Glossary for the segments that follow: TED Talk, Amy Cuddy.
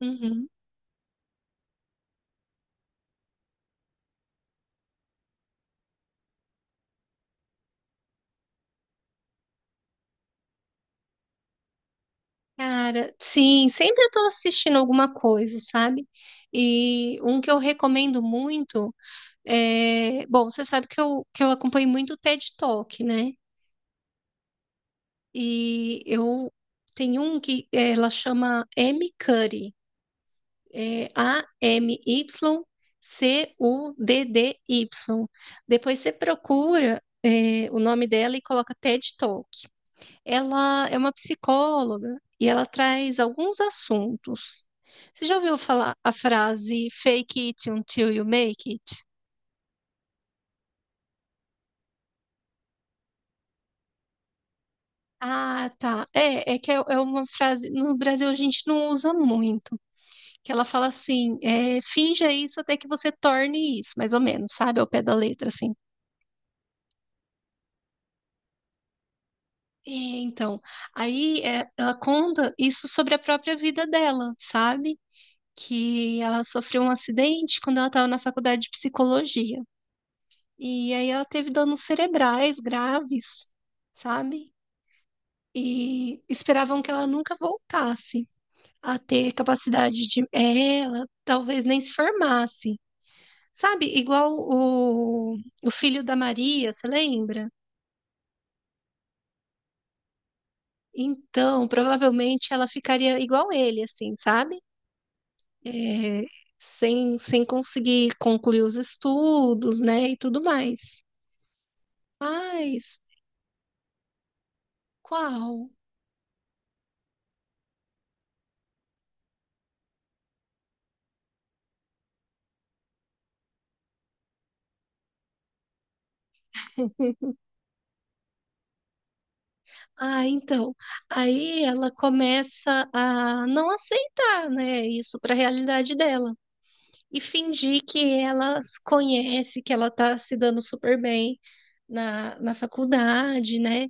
Uhum. Cara, sim, sempre eu tô assistindo alguma coisa, sabe? E um que eu recomendo muito é. Bom, você sabe que eu acompanho muito o TED Talk, né? E eu tenho um que ela chama M. Cuddy, é Amy Cuddy. Depois você procura o nome dela e coloca TED Talk. Ela é uma psicóloga e ela traz alguns assuntos. Você já ouviu falar a frase fake it until you make it? Ah, tá. É uma frase. No Brasil a gente não usa muito. Que ela fala assim: é, finja isso até que você torne isso, mais ou menos, sabe? Ao pé da letra, assim. É, então, aí é, ela conta isso sobre a própria vida dela, sabe? Que ela sofreu um acidente quando ela estava na faculdade de psicologia. E aí ela teve danos cerebrais graves, sabe? E esperavam que ela nunca voltasse a ter capacidade de. É, ela talvez nem se formasse, sabe? Igual o filho da Maria, você lembra? Então, provavelmente ela ficaria igual ele, assim, sabe? É, sem conseguir concluir os estudos, né? E tudo mais. Mas qual? Ah, então. Aí ela começa a não aceitar, né, isso para a realidade dela e fingir que ela conhece, que ela tá se dando super bem na, na faculdade, né?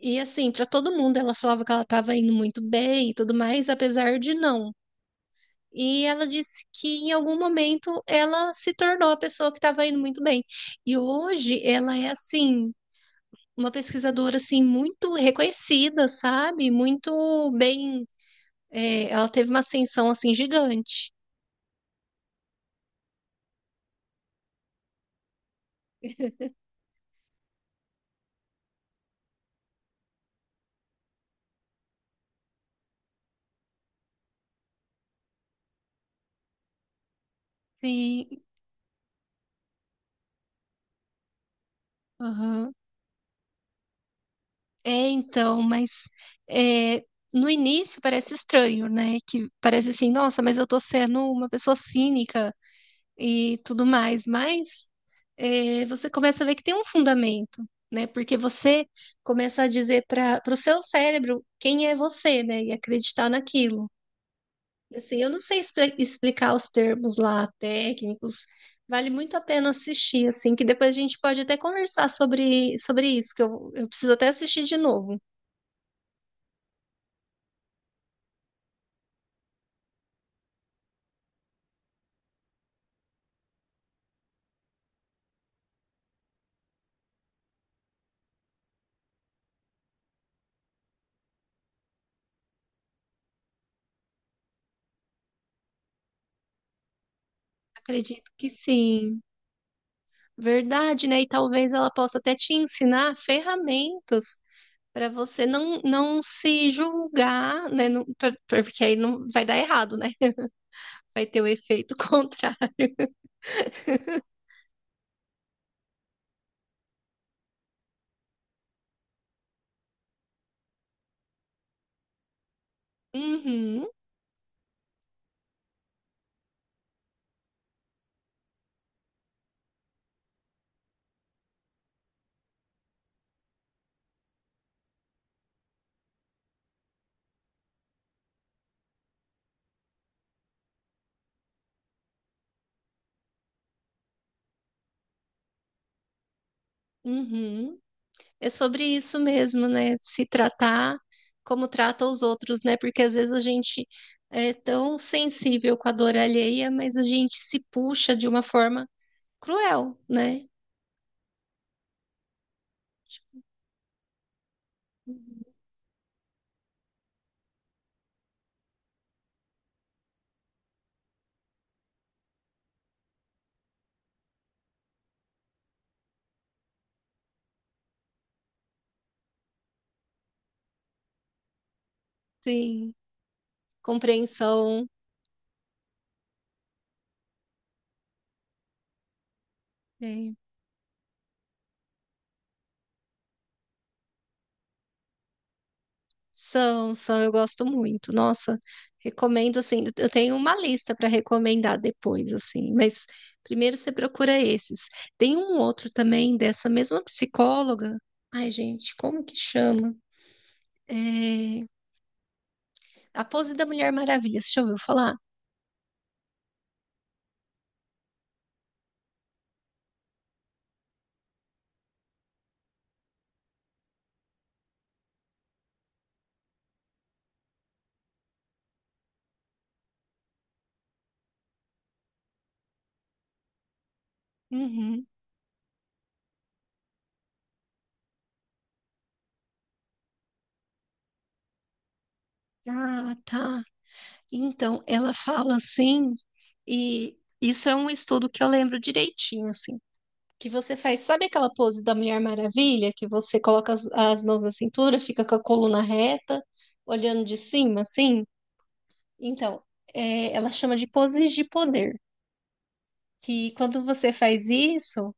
E assim, para todo mundo ela falava que ela estava indo muito bem e tudo mais, apesar de não. E ela disse que em algum momento ela se tornou a pessoa que estava indo muito bem. E hoje ela é assim uma pesquisadora assim muito reconhecida, sabe? Muito bem, é, ela teve uma ascensão assim gigante. Sim, aham. É, então, mas é, no início parece estranho, né? Que parece assim, nossa, mas eu tô sendo uma pessoa cínica e tudo mais, mas é, você começa a ver que tem um fundamento, né? Porque você começa a dizer para o seu cérebro quem é você, né? E acreditar naquilo. Assim, eu não sei explicar os termos lá técnicos. Vale muito a pena assistir, assim, que depois a gente pode até conversar sobre, sobre isso, que eu preciso até assistir de novo. Acredito que sim. Verdade, né? E talvez ela possa até te ensinar ferramentas para você não se julgar, né? Porque aí não vai dar errado, né? Vai ter o efeito contrário. Uhum, uhum. É sobre isso mesmo, né? Se tratar como trata os outros, né? Porque às vezes a gente é tão sensível com a dor alheia, mas a gente se puxa de uma forma cruel, né? Sim, compreensão, é, são, são, eu gosto muito. Nossa, recomendo assim. Eu tenho uma lista para recomendar depois, assim, mas primeiro você procura esses. Tem um outro também dessa mesma psicóloga. Ai, gente, como que chama? É, a pose da Mulher Maravilha, você já ouviu falar? Uhum. Ah, tá. Então, ela fala assim, e isso é um estudo que eu lembro direitinho, assim, que você faz, sabe aquela pose da Mulher Maravilha, que você coloca as, as mãos na cintura, fica com a coluna reta, olhando de cima, assim? Então, é, ela chama de poses de poder, que quando você faz isso,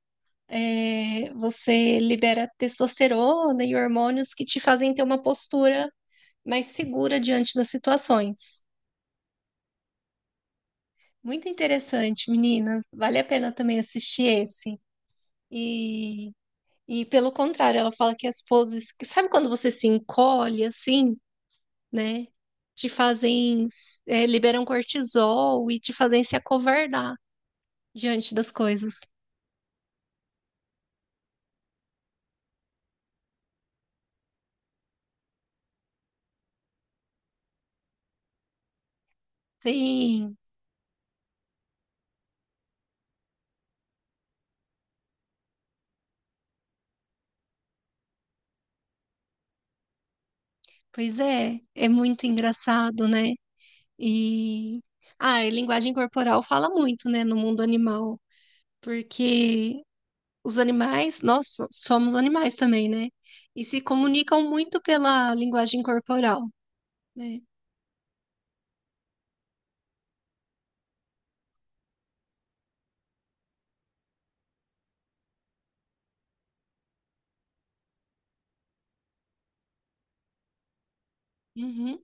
é, você libera testosterona e hormônios que te fazem ter uma postura mas segura diante das situações. Muito interessante, menina. Vale a pena também assistir esse. E, e pelo contrário, ela fala que as poses. Que- sabe quando você se encolhe assim, né? Te fazem. Liberam cortisol e te fazem se acovardar diante das coisas. Sim, pois é. É muito engraçado, né? E. Ah, e linguagem corporal fala muito, né, no mundo animal, porque os animais, nós somos animais também, né? E se comunicam muito pela linguagem corporal, né? Uhum,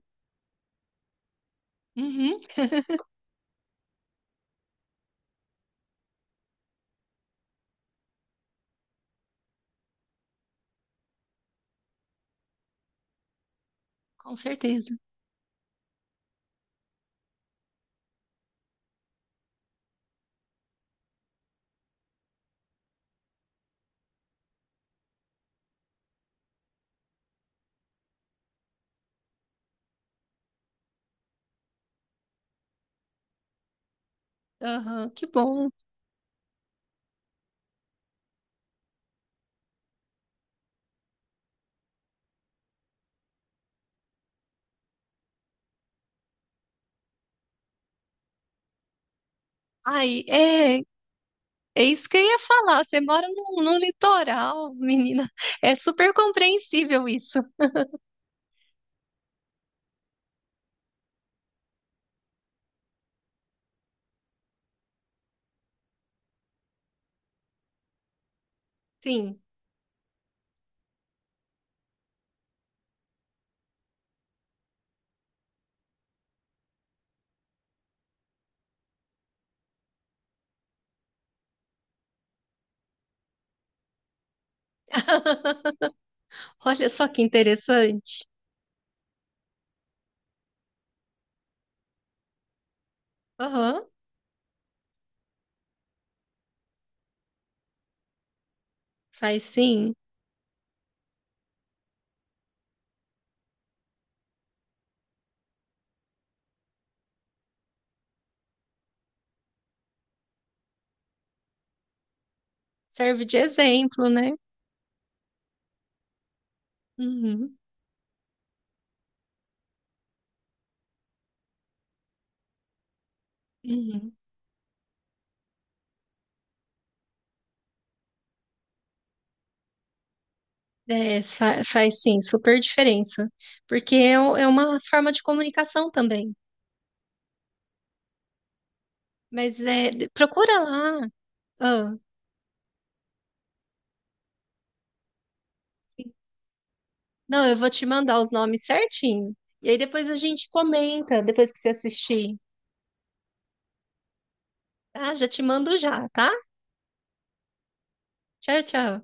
uhum, com certeza. Aham, que bom. Ai, é, é isso que eu ia falar. Você mora no litoral, menina. É super compreensível isso. Sim. Olha só que interessante. Aham, faz sim. Serve de exemplo, né? Uhum, uhum. É, faz sim, super diferença. Porque é, o- é uma forma de comunicação também. Mas é, de- procura lá. Ah, não, eu vou te mandar os nomes certinho. E aí depois a gente comenta, depois que você assistir. Tá? Já te mando já, tá? Tchau, tchau.